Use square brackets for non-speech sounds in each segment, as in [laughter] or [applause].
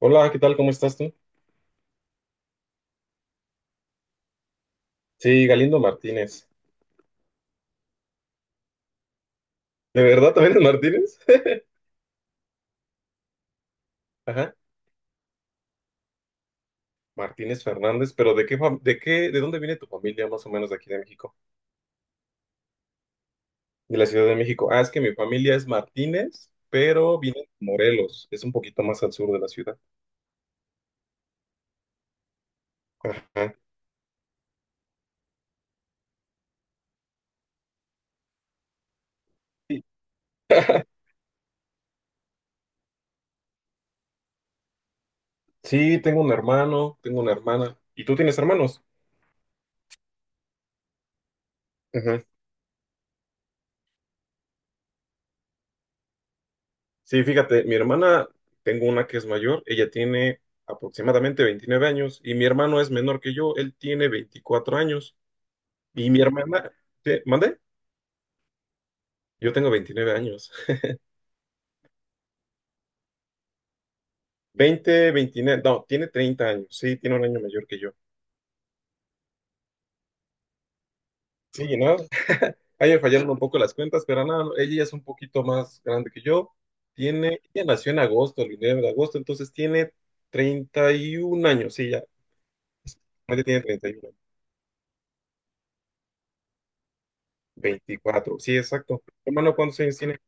Hola, ¿qué tal? ¿Cómo estás tú? Sí, Galindo Martínez. ¿De verdad también es Martínez? [laughs] Ajá, Martínez Fernández, pero ¿de qué, de qué, de dónde viene tu familia más o menos de aquí de México? De la Ciudad de México. Ah, es que mi familia es Martínez, pero viene de Morelos, es un poquito más al sur de la ciudad. Ajá. Sí. [laughs] Sí, tengo un hermano, tengo una hermana. ¿Y tú tienes hermanos? Ajá. Sí, fíjate, mi hermana, tengo una que es mayor, ella tiene aproximadamente 29 años y mi hermano es menor que yo, él tiene 24 años. Y mi hermana, ¿qué? ¿Mande? Yo tengo 29 años. Veinte Veintinueve, no, tiene 30 años. Sí, tiene un año mayor que yo. Sí, ¿no? [laughs] Ahí me fallaron un poco las cuentas, pero nada, no, ella ya es un poquito más grande que yo. Tiene, ella nació en agosto, el 29 de agosto, entonces tiene 31 años. Sí, ya, ella tiene 31. 24. Sí, exacto. Hermano, ¿cuántos años tiene?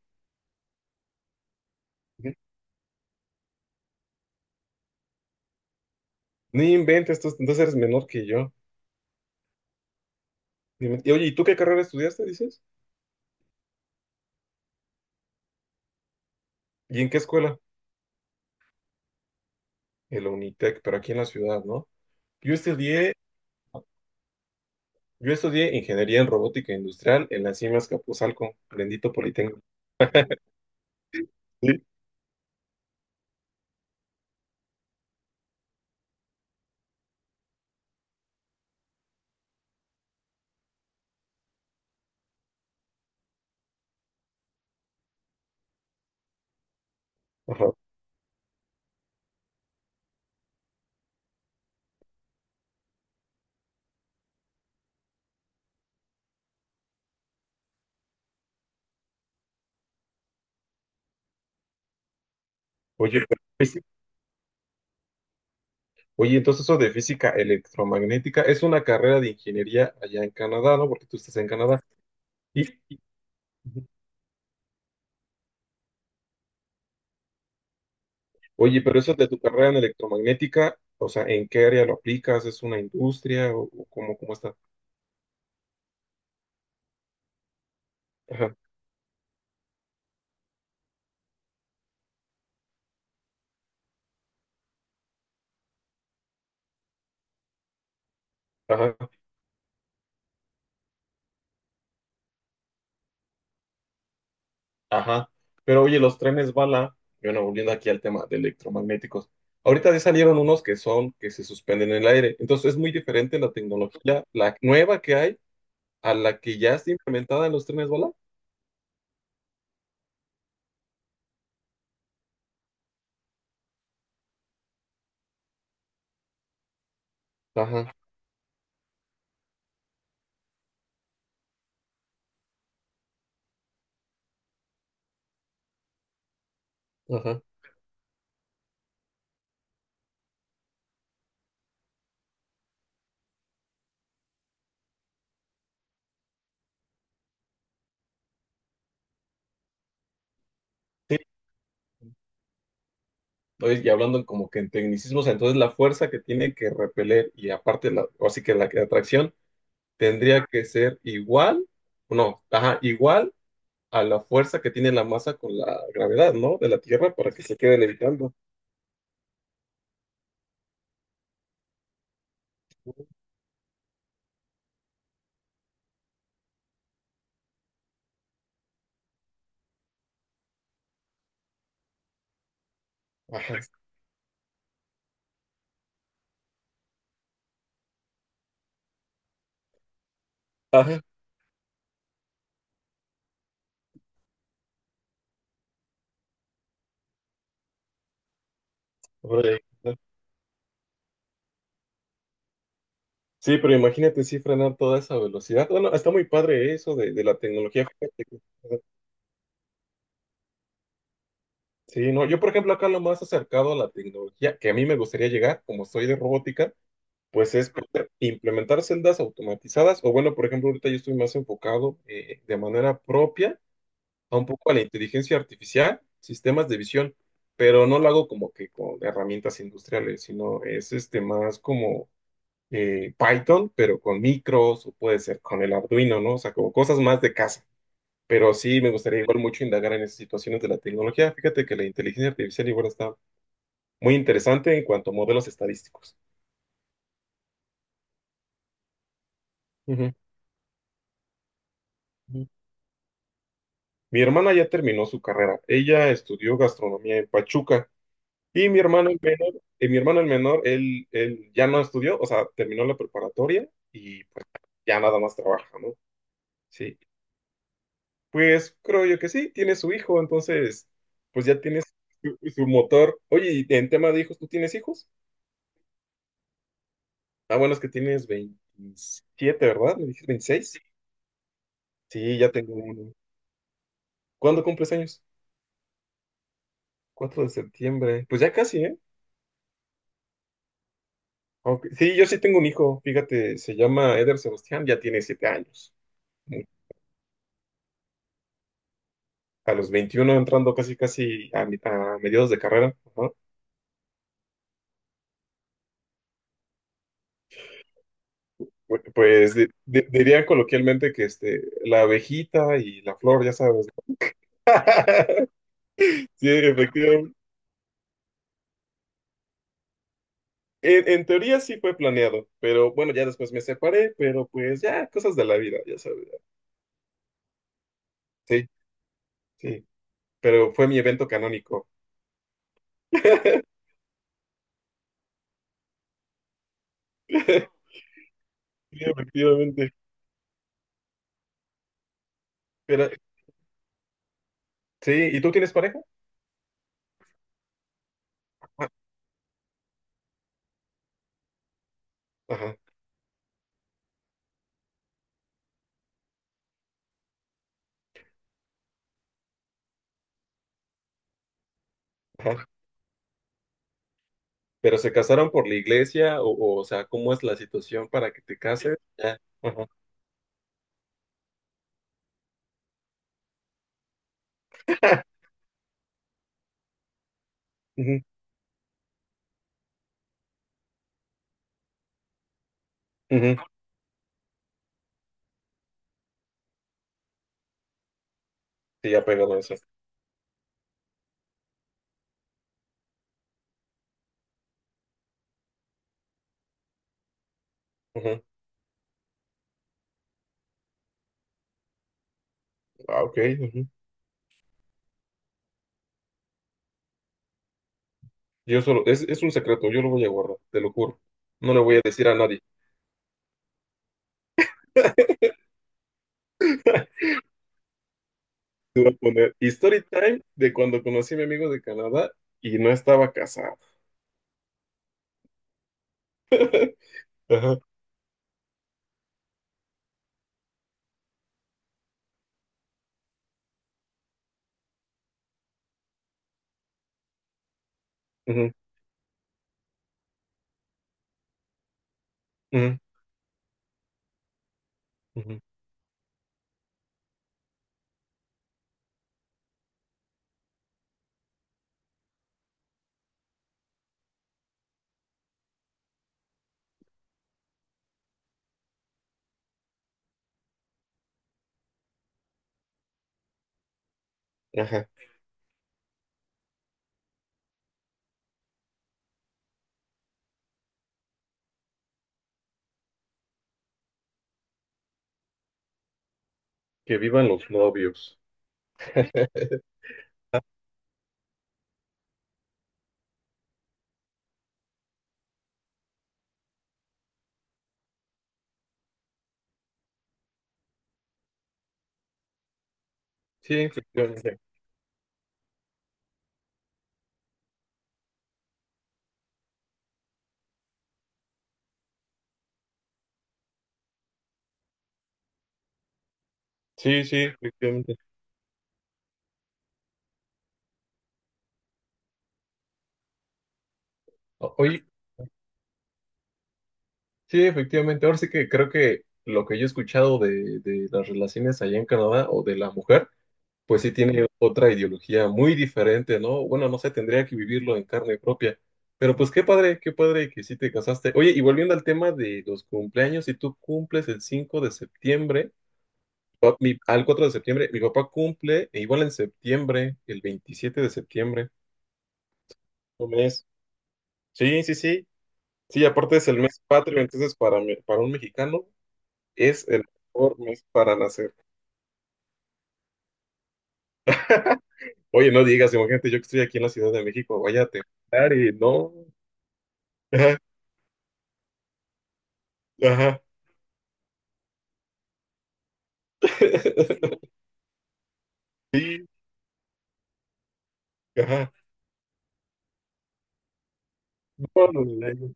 Ujú. Ni inventes, entonces eres menor que yo. Ni inventes. Y, oye, ¿y tú qué carrera estudiaste, dices? ¿Y en qué escuela? En la Unitec, pero aquí en la ciudad, ¿no? Yo estudié, yo estudié ingeniería en robótica industrial en las CIMAS Capuzalco, bendito Politécnico. Sí. Ajá. Oye, oye, entonces eso de física electromagnética es una carrera de ingeniería allá en Canadá, ¿no? Porque tú estás en Canadá. Y, oye, pero eso de tu carrera en electromagnética, o sea, ¿en qué área lo aplicas? ¿Es una industria o cómo está? Ajá, ajá. Ajá, pero oye, los trenes bala, bueno, volviendo aquí al tema de electromagnéticos, ahorita ya salieron unos que son, que se suspenden en el aire, entonces es muy diferente la tecnología, la nueva que hay, a la que ya está implementada en los trenes bala. Ajá, ajá. Sí, oye, y hablando en como que en tecnicismos, entonces la fuerza que tiene que repeler y aparte, la, o así que atracción tendría que ser igual, no, ajá, igual a la fuerza que tiene la masa con la gravedad, ¿no? De la Tierra para que se quede levitando. Ajá. Hombre, sí, pero imagínate sí frenar toda esa velocidad. Bueno, está muy padre eso de la tecnología. Sí, no, yo por ejemplo acá lo más acercado a la tecnología que a mí me gustaría llegar, como soy de robótica, pues es poder implementar celdas automatizadas o bueno, por ejemplo, ahorita yo estoy más enfocado de manera propia a un poco a la inteligencia artificial, sistemas de visión, pero no lo hago como que con herramientas industriales, sino es este más como Python, pero con micros o puede ser con el Arduino, ¿no? O sea, como cosas más de casa. Pero sí me gustaría igual mucho indagar en esas situaciones de la tecnología. Fíjate que la inteligencia artificial igual está muy interesante en cuanto a modelos estadísticos. Ujú. Ujú. Mi hermana ya terminó su carrera. Ella estudió gastronomía en Pachuca y mi hermano el menor, él ya no estudió, o sea, terminó la preparatoria y pues ya nada más trabaja, ¿no? Sí, pues creo yo que sí, tiene su hijo, entonces pues ya tienes su motor. Oye, y en tema de hijos, ¿tú tienes hijos? Ah, bueno, es que tienes 27, ¿verdad? ¿Me dijiste 26? Sí, ya tengo uno. ¿Cuándo cumples años? 4 de septiembre. Pues ya casi, ¿eh? Ok, sí, yo sí tengo un hijo, fíjate, se llama Eder Sebastián, ya tiene 7 años. Mm, a los 21 entrando casi casi a, a mediados de carrera, ajá. Dirían coloquialmente que este, la abejita y la flor, ya sabes. ¿No? [laughs] Sí, efectivamente. En teoría sí fue planeado, pero bueno, ya después me separé, pero pues ya, cosas de la vida, ya sabes. Sí, sí, pero fue mi evento canónico. [laughs] Sí, efectivamente. Pero, sí, ¿y tú tienes pareja? Ah. Ajá, ajá. ¿Pero se casaron por la iglesia? O, o sea, ¿cómo es la situación para que te cases? Ya, ajá. Ujú, ujú. Sí, ya pegado a eso. Ujú. Ah, ok. Ujú. Yo solo, es un secreto, yo lo voy a guardar, te lo juro. No le voy a decir a nadie. [laughs] Te iba a poner Story Time de cuando conocí a mi amigo de Canadá y no estaba casado. Ajá, ujú, ujú, ujú, ajá. Que vivan los novios. [laughs] Sí, efectivamente. Sí, sí, efectivamente. Oye, sí, efectivamente. Ahora sí que creo que lo que yo he escuchado de las relaciones allá en Canadá o de la mujer pues sí tiene otra ideología muy diferente, ¿no? Bueno, no sé, tendría que vivirlo en carne propia. Pero pues qué padre que sí te casaste. Oye, y volviendo al tema de los cumpleaños, si tú cumples el 5 de septiembre, o al 4 de septiembre, mi papá cumple e igual en septiembre, el 27 de septiembre. Un mes. Sí, sí, sí. Sí, aparte es el mes patrio, entonces para, para un mexicano es el mejor mes para nacer. [laughs] Oye, no digas, imagínate, yo que estoy aquí en la Ciudad de México, vaya a temblar y no. [laughs] Ajá. [laughs] Sí, ajá. No, no, no, no.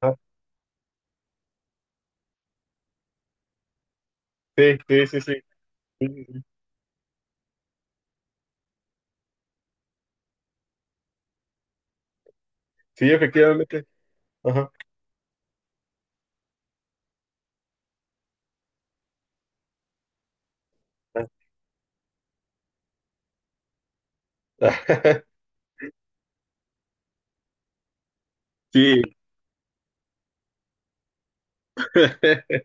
Ajá. Sí, sí, sí, sí. Sí, sí, sí. Sí, efectivamente. Ajá. Ah, ah. [laughs] Sí. [laughs]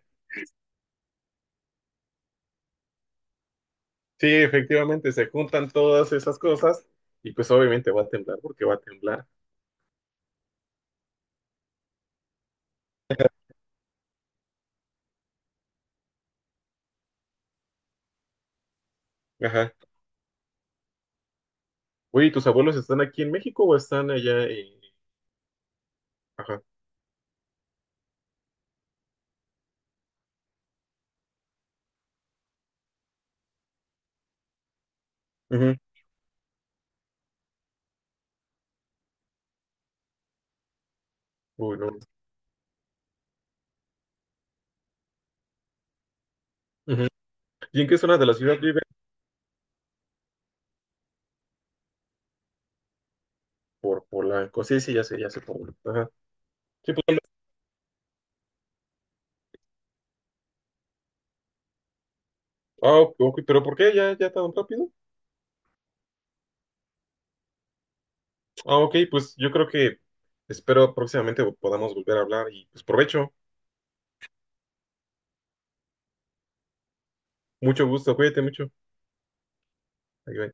Sí, efectivamente, se juntan todas esas cosas y pues obviamente va a temblar porque va a temblar. Ajá. Oye, ¿y tus abuelos están aquí en México o están allá en... Ajá. Ujú. Uy, no. Ujú. ¿Y en qué zona de la ciudad viven? Por Polanco. Sí, sí, ya sé, ya sé. Polanco. Ajá. Sí, Polanco. Ah, ok, ok, pero ¿por qué ya, ya tan rápido? Ah, ok, pues yo creo que espero próximamente podamos volver a hablar y pues provecho. Mucho gusto, cuídate mucho. Ahí va.